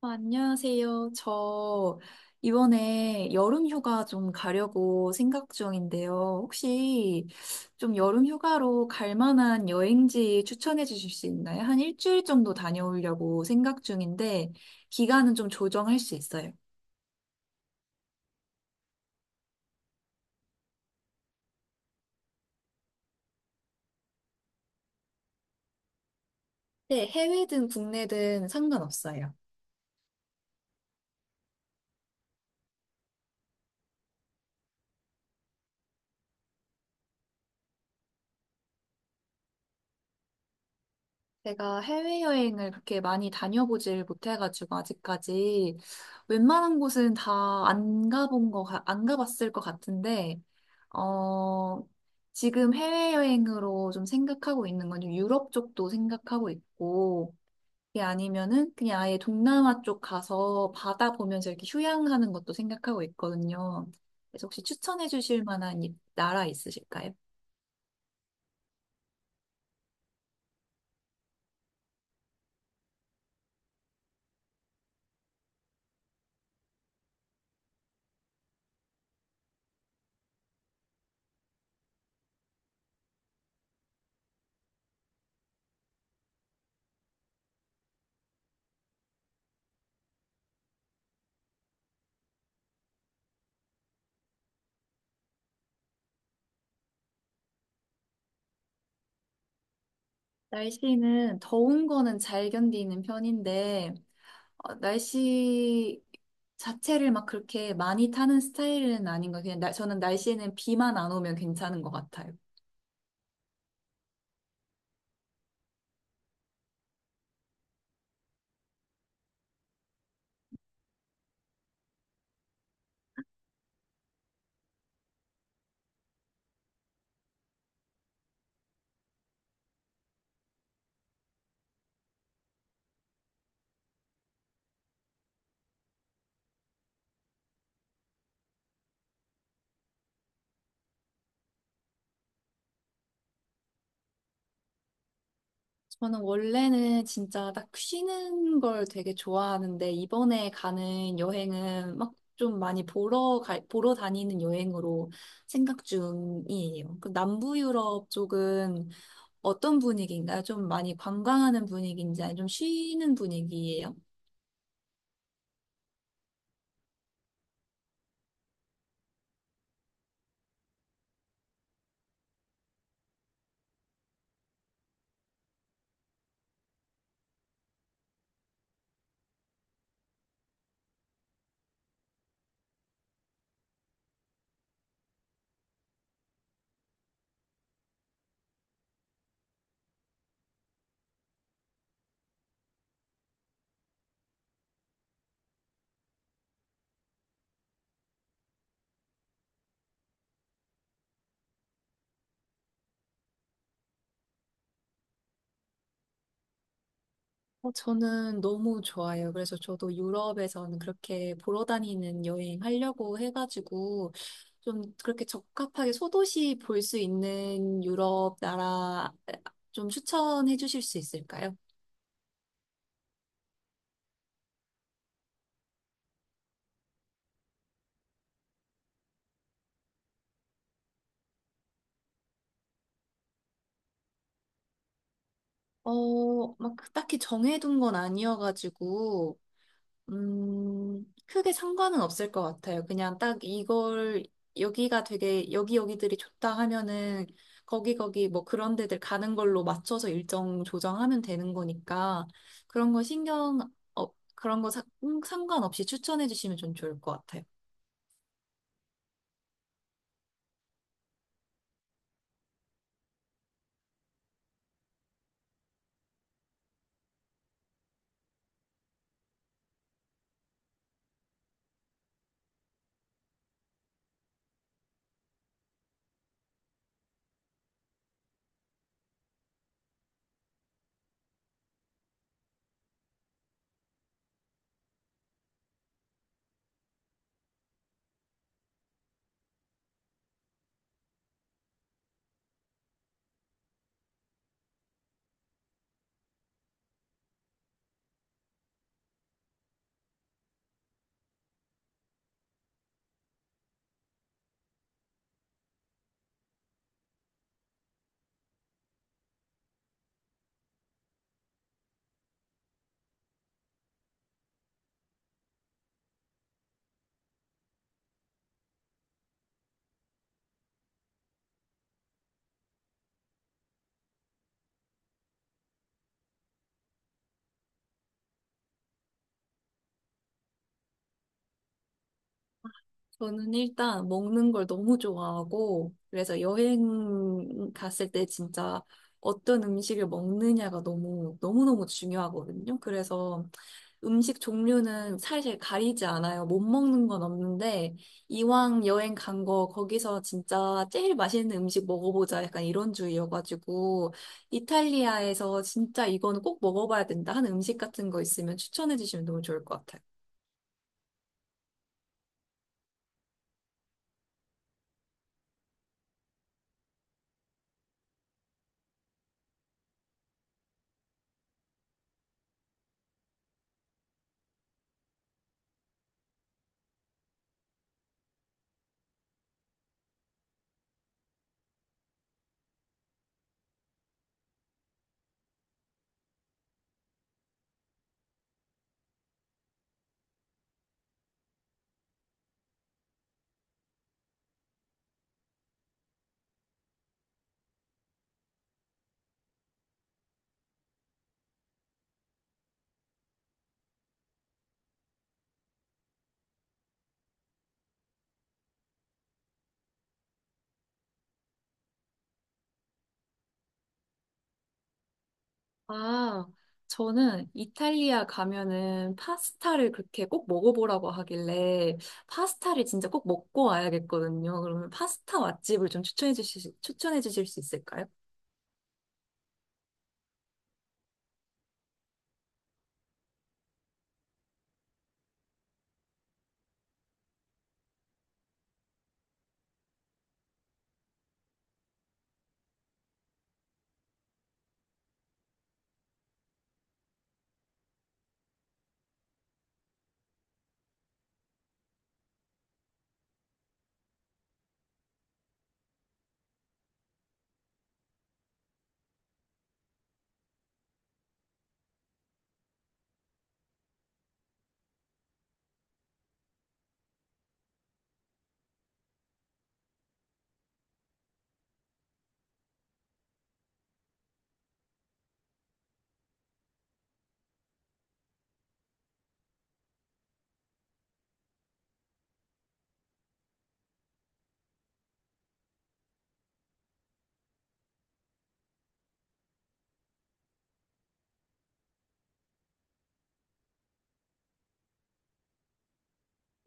안녕하세요. 저 이번에 여름 휴가 좀 가려고 생각 중인데요. 혹시 좀 여름 휴가로 갈 만한 여행지 추천해 주실 수 있나요? 한 일주일 정도 다녀오려고 생각 중인데 기간은 좀 조정할 수 있어요. 네, 해외든 국내든 상관없어요. 제가 해외여행을 그렇게 많이 다녀보질 못해가지고 아직까지 웬만한 곳은 다 안 가본 거, 안 가봤을 것 같은데 어, 지금 해외여행으로 좀 생각하고 있는 건 유럽 쪽도 생각하고 있고, 그게 아니면은 그냥 아예 동남아 쪽 가서 바다 보면서 이렇게 휴양하는 것도 생각하고 있거든요. 그래서 혹시 추천해 주실 만한 나라 있으실까요? 날씨는 더운 거는 잘 견디는 편인데, 날씨 자체를 막 그렇게 많이 타는 스타일은 아닌 것 같아요. 그냥 저는 날씨에는 비만 안 오면 괜찮은 것 같아요. 저는 원래는 진짜 딱 쉬는 걸 되게 좋아하는데 이번에 가는 여행은 막 좀 많이 보러 다니는 여행으로 생각 중이에요. 그 남부 유럽 쪽은 어떤 분위기인가요? 좀 많이 관광하는 분위기인지 아니면 좀 쉬는 분위기예요? 저는 너무 좋아요. 그래서 저도 유럽에서는 그렇게 보러 다니는 여행 하려고 해가지고 좀 그렇게 적합하게 소도시 볼 수 있는 유럽 나라 좀 추천해 주실 수 있을까요? 막 딱히 정해둔 건 아니어가지고 크게 상관은 없을 것 같아요. 그냥 딱 이걸, 여기 여기들이 좋다 하면은, 거기 거기 뭐 그런 데들 가는 걸로 맞춰서 일정 조정하면 되는 거니까, 그런 거 신경, 어, 그런 거 상관없이 추천해 주시면 좀 좋을 것 같아요. 저는 일단 먹는 걸 너무 좋아하고, 그래서 여행 갔을 때 진짜 어떤 음식을 먹느냐가 너무너무 중요하거든요. 그래서 음식 종류는 사실 가리지 않아요. 못 먹는 건 없는데, 이왕 여행 간 거, 거기서 진짜 제일 맛있는 음식 먹어보자. 약간 이런 주의여가지고, 이탈리아에서 진짜 이거는 꼭 먹어봐야 된다 하는 음식 같은 거 있으면 추천해 주시면 너무 좋을 것 같아요. 아, 저는 이탈리아 가면은 파스타를 그렇게 꼭 먹어보라고 하길래 파스타를 진짜 꼭 먹고 와야겠거든요. 그러면 파스타 맛집을 좀 추천해 주실 수 있을까요?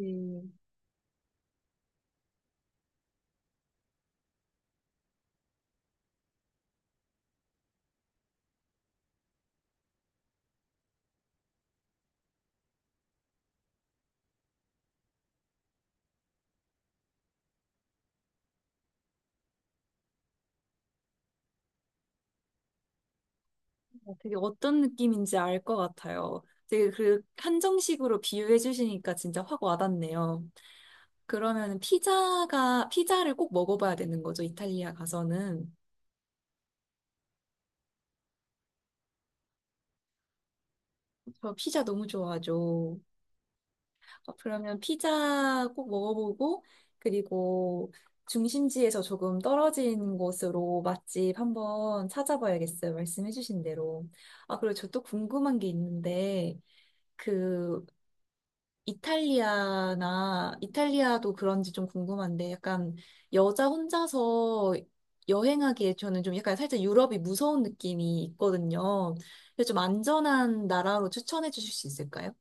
음, 되게 어떤 느낌인지 알 것 같아요. 되게 그 한정식으로 비유해 주시니까 진짜 확 와닿네요. 그러면 피자를 꼭 먹어봐야 되는 거죠, 이탈리아 가서는. 저 피자 너무 좋아하죠. 그러면 피자 꼭 먹어보고, 그리고 중심지에서 조금 떨어진 곳으로 맛집 한번 찾아봐야겠어요. 말씀해주신 대로. 아, 그리고 저 또 궁금한 게 있는데, 그, 이탈리아도 그런지 좀 궁금한데, 약간 여자 혼자서 여행하기에 저는 좀 약간 살짝 유럽이 무서운 느낌이 있거든요. 그래서 좀 안전한 나라로 추천해 주실 수 있을까요?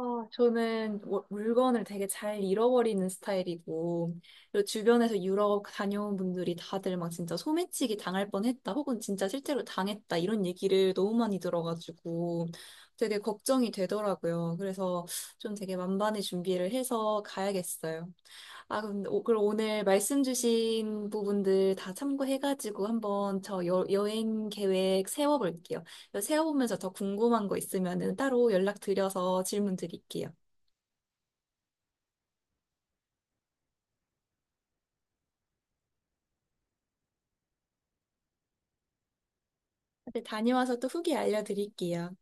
아, 저는 물건을 되게 잘 잃어버리는 스타일이고, 그리고 주변에서 유럽 다녀온 분들이 다들 막 진짜 소매치기 당할 뻔했다, 혹은 진짜 실제로 당했다, 이런 얘기를 너무 많이 들어가지고 되게 걱정이 되더라고요. 그래서 좀 되게 만반의 준비를 해서 가야겠어요. 아, 그럼 오늘 말씀 주신 부분들 다 참고해가지고 한번 여행 계획 세워볼게요. 세워보면서 더 궁금한 거 있으면은 따로 연락드려서 질문 드릴게요. 네, 다녀와서 또 후기 알려드릴게요.